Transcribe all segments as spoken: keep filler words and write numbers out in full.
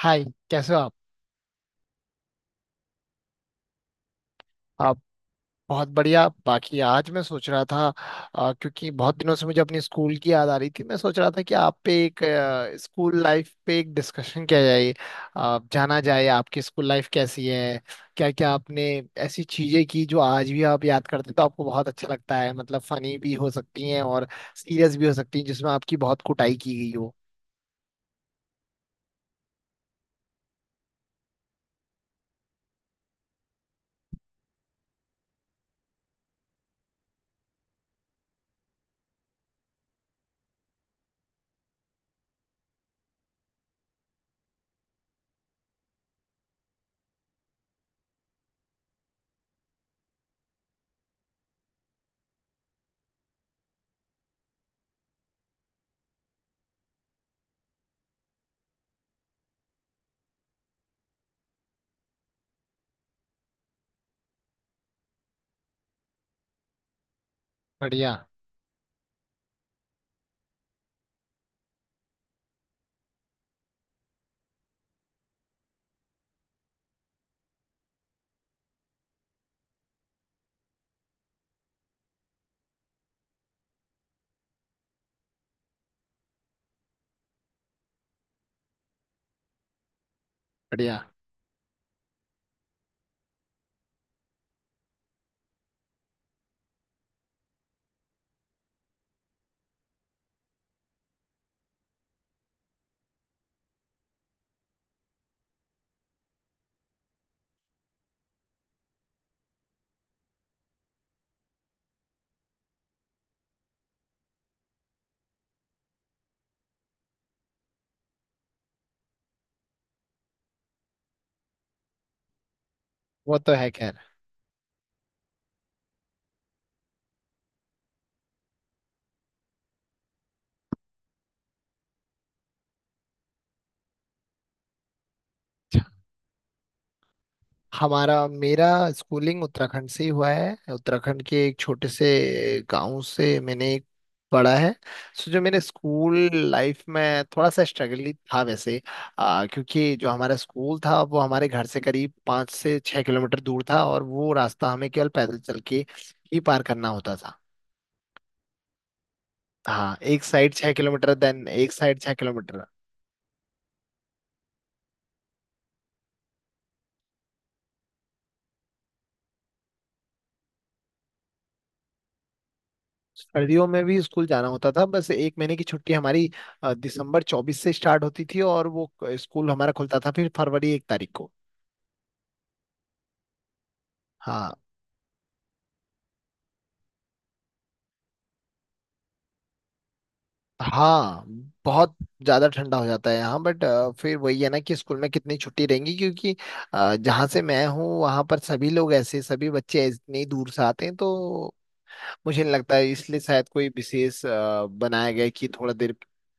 हाय। कैसे हो आप? आप? बहुत बढ़िया। बाकी आज मैं सोच रहा था, अ, क्योंकि बहुत दिनों से मुझे अपनी स्कूल की याद आ रही थी। मैं सोच रहा था कि आप पे एक अ, स्कूल लाइफ पे एक डिस्कशन किया जाए, अ, जाना जाए आपकी स्कूल लाइफ कैसी है, क्या क्या आपने ऐसी चीजें की जो आज भी आप याद करते तो आपको बहुत अच्छा लगता है। मतलब फनी भी हो सकती हैं और सीरियस भी हो सकती हैं जिसमें आपकी बहुत कुटाई की गई हो। बढ़िया। बढ़िया। वो तो है खैर। हमारा मेरा स्कूलिंग उत्तराखंड से ही हुआ है। उत्तराखंड के एक छोटे से गांव से मैंने पढ़ा है। सो जो मेरे स्कूल लाइफ में थोड़ा सा स्ट्रगल ही था वैसे, आ, क्योंकि जो हमारा स्कूल था वो हमारे घर से करीब पाँच से छः किलोमीटर दूर था और वो रास्ता हमें केवल पैदल चल के ही पार करना होता था। हाँ, एक साइड छः किलोमीटर, देन एक साइड छः किलोमीटर। सर्दियों में भी स्कूल जाना होता था। बस एक महीने की छुट्टी हमारी अ, दिसंबर चौबीस से स्टार्ट होती थी और वो स्कूल हमारा खुलता था फिर फरवरी एक तारीख को। हाँ। हाँ, बहुत ज्यादा ठंडा हो जाता है यहाँ बट फिर वही है ना कि स्कूल में कितनी छुट्टी रहेंगी, क्योंकि अ, जहाँ से मैं हूँ वहाँ पर सभी लोग ऐसे, सभी बच्चे इतनी दूर से आते हैं तो मुझे नहीं लगता है। इसलिए शायद कोई विशेष अ, बनाया गया है कि थोड़ा देर,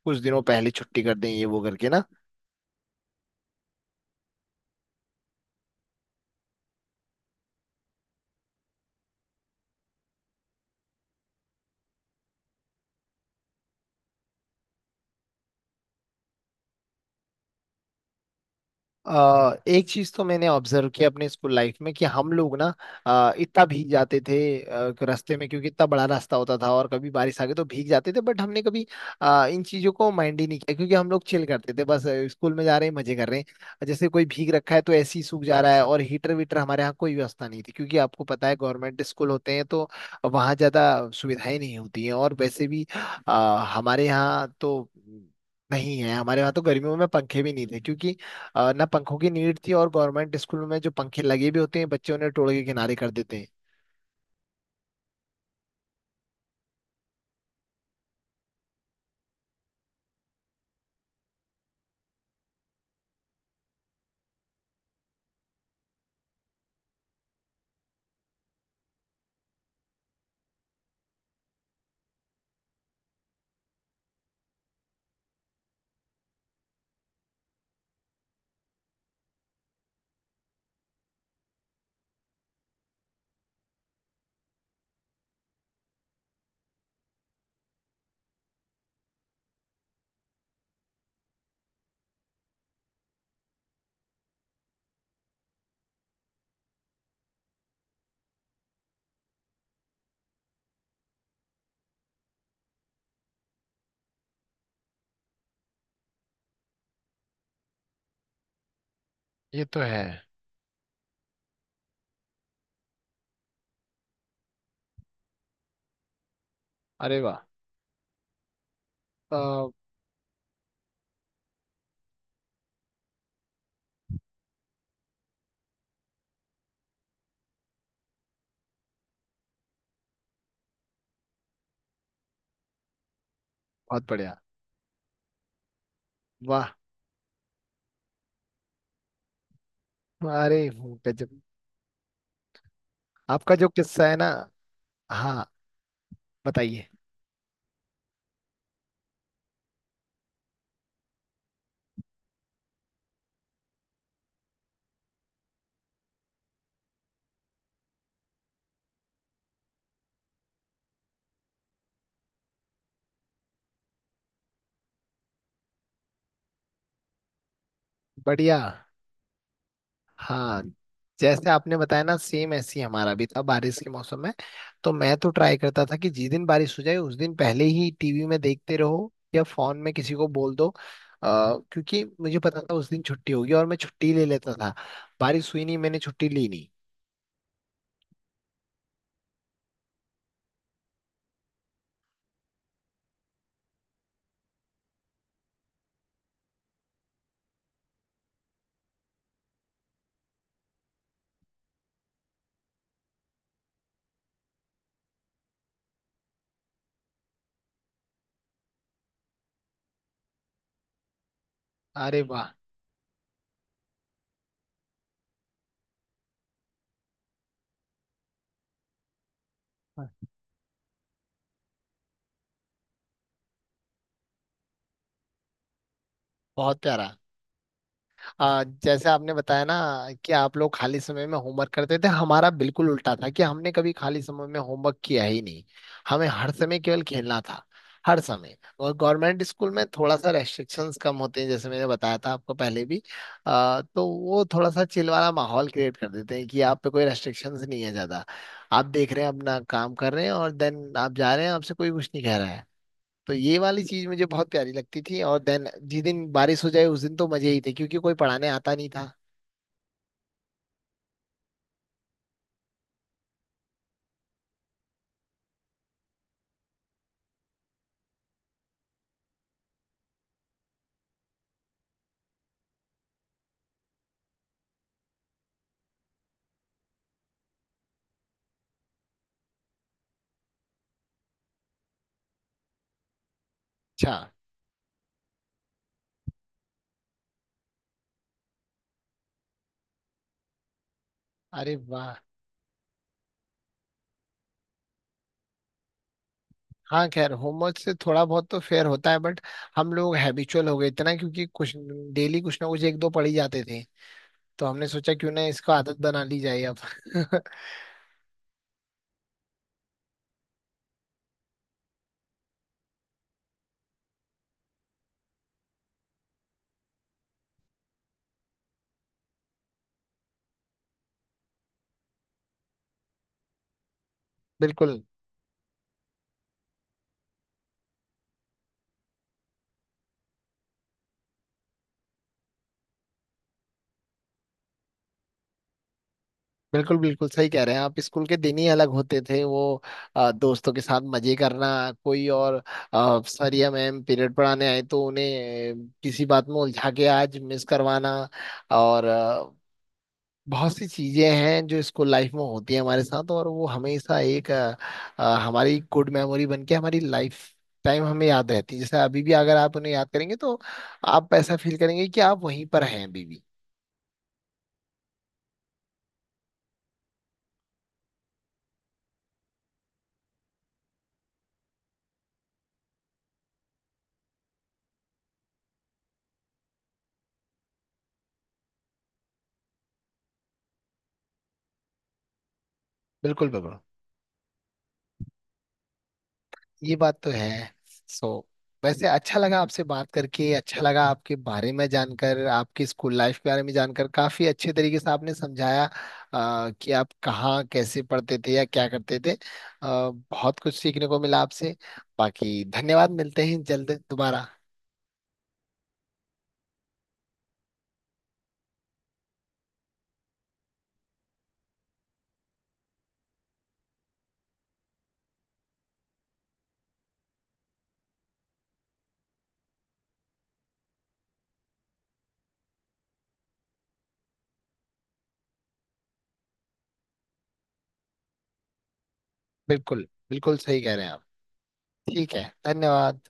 कुछ दिनों पहले छुट्टी कर दें ये वो करके ना। अ, एक चीज तो मैंने ऑब्जर्व किया अपने स्कूल लाइफ में कि हम लोग ना अ, इतना भीग जाते थे अ, रास्ते में, क्योंकि इतना बड़ा रास्ता होता था और कभी बारिश आ गई तो भीग जाते थे, बट हमने कभी अ, इन चीजों को माइंड ही नहीं किया, क्योंकि हम लोग चिल करते थे। बस अ, स्कूल में जा रहे हैं, मजे कर रहे हैं, जैसे कोई भीग रखा है तो ऐसे ही सूख जा रहा है। और हीटर वीटर हमारे यहाँ कोई व्यवस्था नहीं थी, क्योंकि आपको पता है गवर्नमेंट स्कूल होते हैं तो वहाँ ज्यादा सुविधाएं नहीं होती हैं। और वैसे भी अ, हमारे यहाँ तो नहीं है। हमारे यहाँ तो गर्मियों में पंखे भी नहीं थे, क्योंकि अ, ना पंखों की नीड थी, और गवर्नमेंट स्कूल में जो पंखे लगे भी होते हैं बच्चे उन्हें तोड़ के किनारे कर देते हैं। ये तो है। अरे वाह। अ, बहुत बढ़िया। वाह। अरे गजब। आपका जो किस्सा है ना। हाँ, बताइए। बढ़िया। हाँ, जैसे आपने बताया ना, सेम ऐसी हमारा भी था बारिश के मौसम में, तो मैं तो ट्राई करता था कि जिस दिन बारिश हो जाए उस दिन पहले ही टीवी में देखते रहो या फोन में किसी को बोल दो, आ, क्योंकि मुझे पता था उस दिन छुट्टी होगी और मैं छुट्टी ले लेता था। बारिश हुई नहीं, मैंने छुट्टी ली नहीं। अरे वाह। बहुत प्यारा। आ, जैसे आपने बताया ना कि आप लोग खाली समय में होमवर्क करते थे, हमारा बिल्कुल उल्टा था कि हमने कभी खाली समय में होमवर्क किया ही नहीं। हमें हर समय केवल खेलना था, हर समय। और गवर्नमेंट स्कूल में थोड़ा सा रेस्ट्रिक्शंस कम होते हैं, जैसे मैंने बताया था आपको पहले भी। आ, तो वो थोड़ा सा चिल वाला माहौल क्रिएट कर देते हैं कि आप पे कोई रेस्ट्रिक्शंस नहीं है ज्यादा। आप देख रहे हैं, अपना काम कर रहे हैं और देन आप जा रहे हैं, आपसे कोई कुछ नहीं कह रहा है। तो ये वाली चीज मुझे बहुत प्यारी लगती थी। और देन जिस दिन बारिश हो जाए उस दिन तो मजे ही थे, क्योंकि कोई पढ़ाने आता नहीं था। अच्छा। अरे वाह। हाँ खैर, होमवर्क से थोड़ा बहुत तो फेयर होता है, बट हम लोग हैबिचुअल हो गए इतना, क्योंकि कुछ डेली कुछ ना कुछ एक दो पढ़ ही जाते थे। तो हमने सोचा क्यों ना इसको आदत बना ली जाए अब। बिल्कुल, बिल्कुल, बिल्कुल सही कह रहे हैं आप। स्कूल के दिन ही अलग होते थे वो। अ, दोस्तों के साथ मजे करना, कोई और अ, सर या मैम पीरियड पढ़ाने आए तो उन्हें अ, किसी बात में उलझा के आज मिस करवाना। और अ, बहुत सी चीजें हैं जो स्कूल लाइफ में होती हैं हमारे साथ। और वो हमेशा एक अ, अ, हमारी गुड मेमोरी बन के हमारी लाइफ टाइम हमें याद रहती है। जैसे अभी भी अगर आप उन्हें याद करेंगे तो आप ऐसा फील करेंगे कि आप वहीं पर हैं अभी भी। बिल्कुल बिल्कुल। ये बात तो है। सो वैसे अच्छा लगा आपसे बात करके, अच्छा लगा आपके बारे में जानकर, आपकी स्कूल लाइफ के बारे में जानकर। काफी अच्छे तरीके से आपने समझाया अ, कि आप कहाँ कैसे पढ़ते थे या क्या करते थे। अ, बहुत कुछ सीखने को मिला आपसे। बाकी धन्यवाद। मिलते हैं जल्द दोबारा। बिल्कुल बिल्कुल सही कह रहे हैं आप। ठीक है, धन्यवाद।